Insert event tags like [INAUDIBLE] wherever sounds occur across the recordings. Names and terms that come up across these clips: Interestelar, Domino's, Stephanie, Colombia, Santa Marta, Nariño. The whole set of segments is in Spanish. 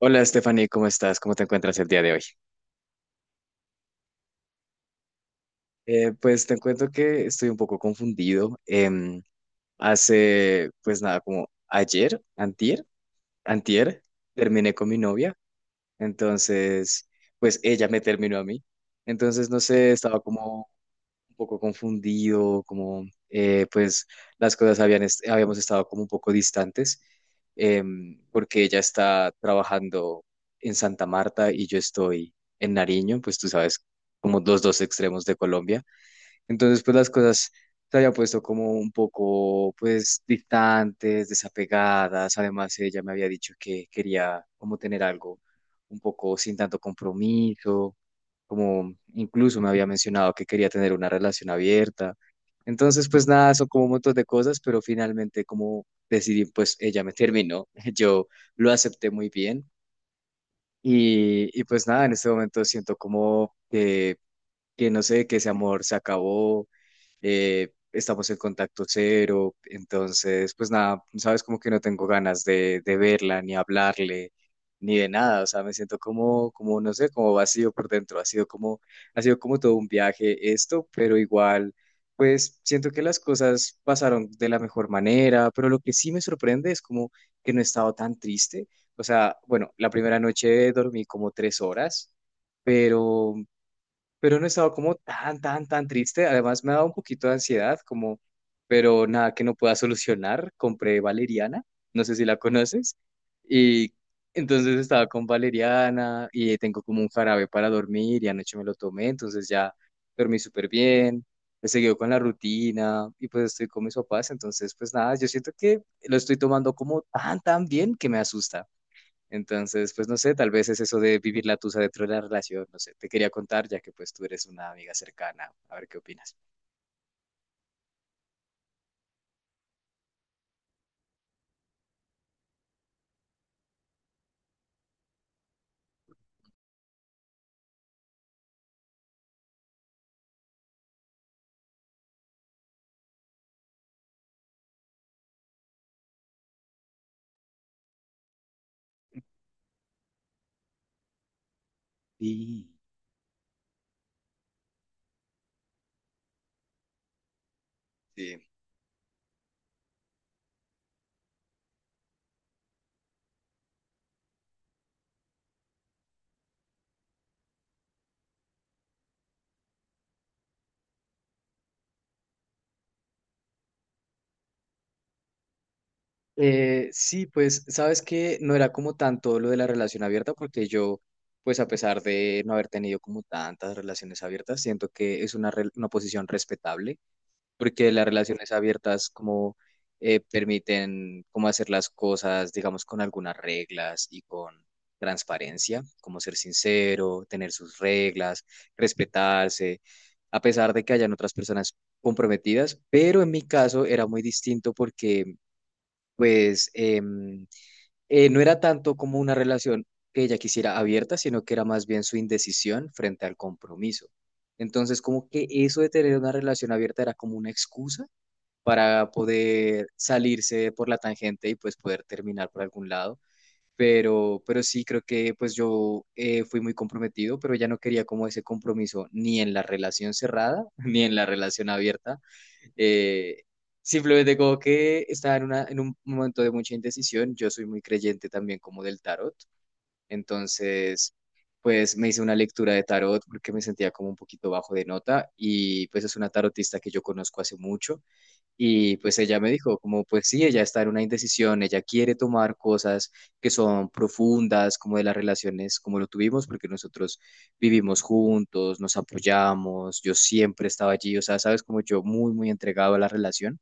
Hola Stephanie, ¿cómo estás? ¿Cómo te encuentras el día de hoy? Pues te cuento que estoy un poco confundido. Hace, pues nada, como ayer, antier, antier, terminé con mi novia. Entonces, pues ella me terminó a mí. Entonces, no sé, estaba como un poco confundido, como pues las cosas habíamos estado como un poco distantes, porque ella está trabajando en Santa Marta y yo estoy en Nariño, pues tú sabes, como los dos extremos de Colombia. Entonces, pues las cosas se había puesto como un poco, pues, distantes, desapegadas. Además, ella me había dicho que quería como tener algo un poco sin tanto compromiso, como incluso me había mencionado que quería tener una relación abierta. Entonces, pues nada, son como un montón de cosas, pero finalmente como decidí, pues ella me terminó. [LAUGHS] Yo lo acepté muy bien y, pues nada, en este momento siento como que no sé, que ese amor se acabó, estamos en contacto cero, entonces, pues nada, sabes, como que no tengo ganas de verla, ni hablarle, ni de nada, o sea, me siento como, como, no sé, como vacío por dentro, ha sido como todo un viaje esto, pero igual, pues siento que las cosas pasaron de la mejor manera, pero lo que sí me sorprende es como que no he estado tan triste, o sea, bueno, la primera noche dormí como 3 horas, pero no he estado como tan, tan, tan triste. Además, me ha dado un poquito de ansiedad, como, pero nada que no pueda solucionar. Compré valeriana, no sé si la conoces, y entonces estaba con valeriana y tengo como un jarabe para dormir y anoche me lo tomé, entonces ya dormí súper bien. He seguido con la rutina y pues estoy con mis papás, entonces pues nada, yo siento que lo estoy tomando como tan, tan bien que me asusta. Entonces, pues no sé, tal vez es eso de vivir la tusa dentro de la relación, no sé, te quería contar ya que pues tú eres una amiga cercana, a ver qué opinas. Sí. Sí. Sí, pues sabes que no era como tanto lo de la relación abierta, porque yo, pues a pesar de no haber tenido como tantas relaciones abiertas, siento que es una posición respetable porque las relaciones abiertas como permiten como hacer las cosas, digamos, con algunas reglas y con transparencia, como ser sincero, tener sus reglas, respetarse, a pesar de que hayan otras personas comprometidas, pero en mi caso era muy distinto porque pues no era tanto como una relación que ella quisiera abierta, sino que era más bien su indecisión frente al compromiso. Entonces, como que eso de tener una relación abierta era como una excusa para poder salirse por la tangente y pues poder terminar por algún lado. Pero, sí, creo que pues yo fui muy comprometido, pero ya no quería como ese compromiso ni en la relación cerrada, [LAUGHS] ni en la relación abierta. Eh, simplemente como que estaba en un momento de mucha indecisión. Yo soy muy creyente también como del tarot. Entonces, pues me hice una lectura de tarot porque me sentía como un poquito bajo de nota y pues es una tarotista que yo conozco hace mucho y pues ella me dijo, como pues sí, ella está en una indecisión, ella quiere tomar cosas que son profundas, como de las relaciones, como lo tuvimos, porque nosotros vivimos juntos, nos apoyamos, yo siempre estaba allí, o sea, sabes, como yo muy, muy entregado a la relación,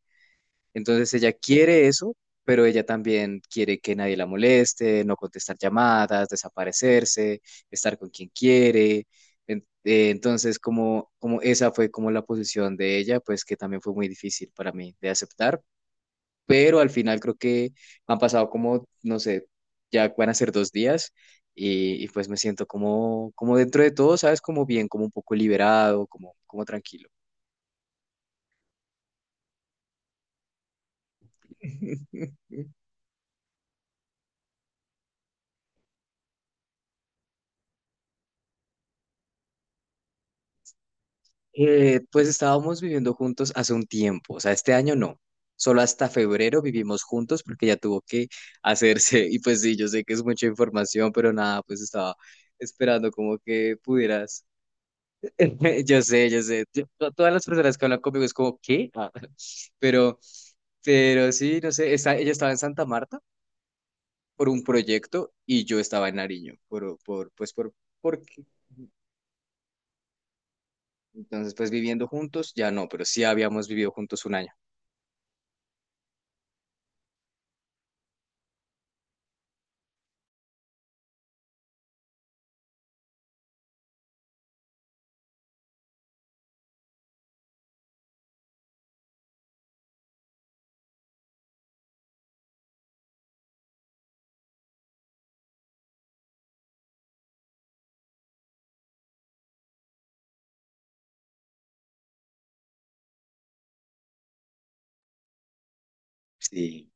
entonces ella quiere eso, pero ella también quiere que nadie la moleste, no contestar llamadas, desaparecerse, estar con quien quiere. Entonces, como, como esa fue como la posición de ella, pues que también fue muy difícil para mí de aceptar, pero al final creo que han pasado como, no sé, ya van a ser 2 días y, pues me siento como, como dentro de todo, ¿sabes? Como bien, como un poco liberado, como, como tranquilo. [LAUGHS] Pues estábamos viviendo juntos hace un tiempo, o sea, este año no, solo hasta febrero vivimos juntos porque ya tuvo que hacerse. [LAUGHS] Y pues sí, yo sé que es mucha información, pero nada, pues estaba esperando como que pudieras. [LAUGHS] Yo sé, todas las personas que hablan conmigo es como, ¿qué? Ah. [LAUGHS] Pero, sí, no sé, ella estaba en Santa Marta por un proyecto y yo estaba en Nariño, por, porque, entonces pues viviendo juntos, ya no, pero sí habíamos vivido juntos un año. Sí.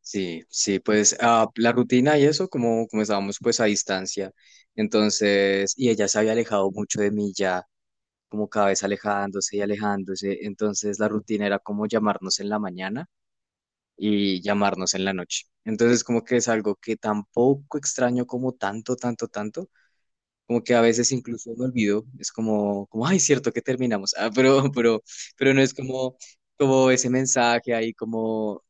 Sí, sí, pues ah, la rutina y eso, como, como estábamos pues a distancia, entonces, y ella se había alejado mucho de mí ya, como cada vez alejándose y alejándose, entonces la rutina era como llamarnos en la mañana y llamarnos en la noche. Entonces, como que es algo que tampoco extraño como tanto, tanto, tanto, como que a veces incluso me olvido, es como, como, ay, cierto que terminamos, ah, pero, [LAUGHS] pero, no es como ese mensaje ahí como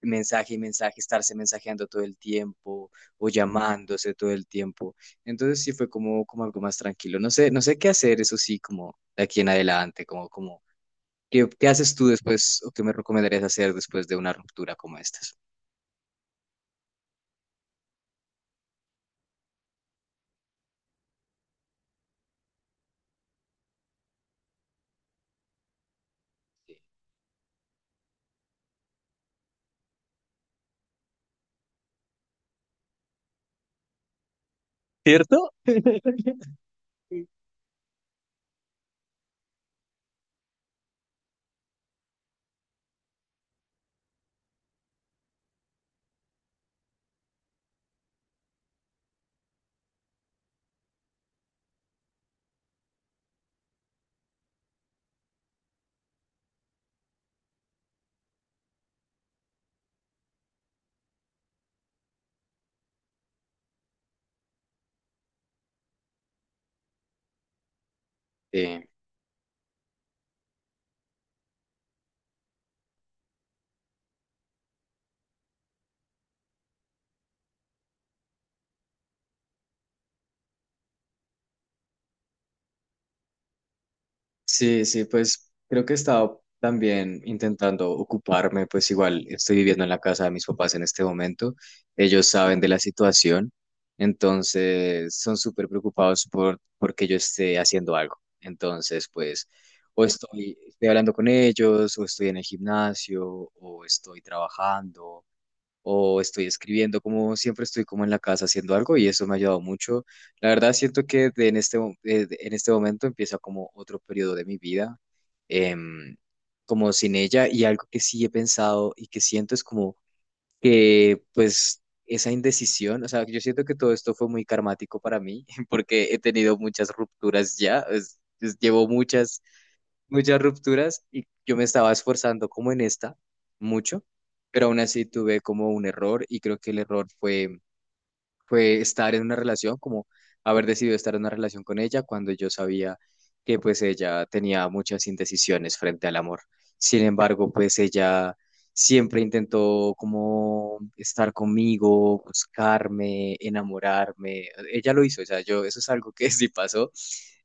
mensaje y mensaje, estarse mensajeando todo el tiempo o llamándose todo el tiempo. Entonces sí fue como, como algo más tranquilo. No sé qué hacer, eso sí, como de aquí en adelante, como, como, ¿qué haces tú después o qué me recomendarías hacer después de una ruptura como estas? ¿Cierto? Sí. Sí, sí, pues creo que he estado también intentando ocuparme, pues igual estoy viviendo en la casa de mis papás en este momento, ellos saben de la situación, entonces son súper preocupados por porque yo esté haciendo algo. Entonces, pues o estoy hablando con ellos, o estoy en el gimnasio, o estoy trabajando, o estoy escribiendo, como siempre estoy como en la casa haciendo algo y eso me ha ayudado mucho. La verdad siento que de en este, mo- de- en este momento empieza como otro periodo de mi vida, em, como sin ella, y algo que sí he pensado y que siento es como que pues esa indecisión, o sea, yo siento que todo esto fue muy karmático para mí [LAUGHS] porque he tenido muchas rupturas ya, llevo muchas rupturas y yo me estaba esforzando como en esta mucho, pero aún así tuve como un error y creo que el error fue estar en una relación, como haber decidido estar en una relación con ella cuando yo sabía que pues ella tenía muchas indecisiones frente al amor. Sin embargo, pues ella siempre intentó como estar conmigo, buscarme, enamorarme. Ella lo hizo, o sea, yo, eso es algo que [LAUGHS] sí pasó.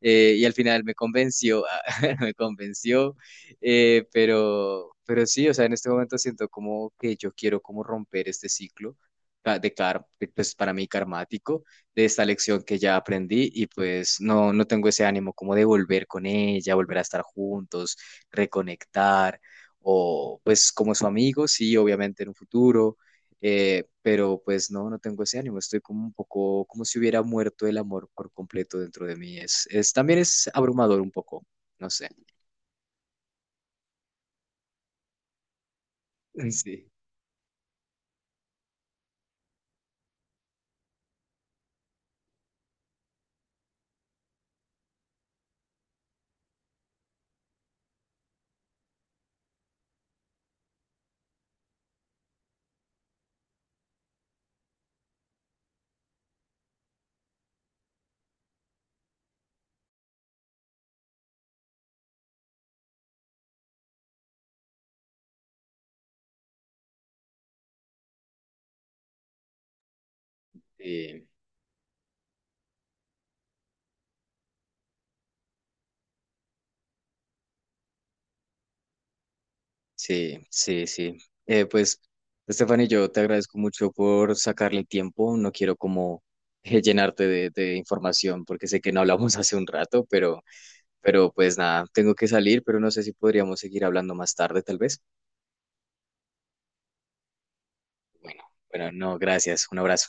Y al final me convenció, [LAUGHS] me convenció, pero, sí, o sea, en este momento siento como que yo quiero como romper este ciclo pues para mí karmático, de esta lección que ya aprendí, y pues no, no tengo ese ánimo como de volver con ella, volver a estar juntos, reconectar o pues como su amigo, sí, obviamente en un futuro, pero pues no, no tengo ese ánimo, estoy como un poco como si hubiera muerto el amor por completo dentro de mí, es también es abrumador un poco, no sé. [LAUGHS] Sí. Sí. Sí, sí, sí. Pues, Stephanie, yo te agradezco mucho por sacarle el tiempo. No quiero como llenarte de información porque sé que no hablamos [LAUGHS] hace un rato, pero, pues nada, tengo que salir, pero no sé si podríamos seguir hablando más tarde, tal vez. Bueno, bueno, no, gracias. Un abrazo.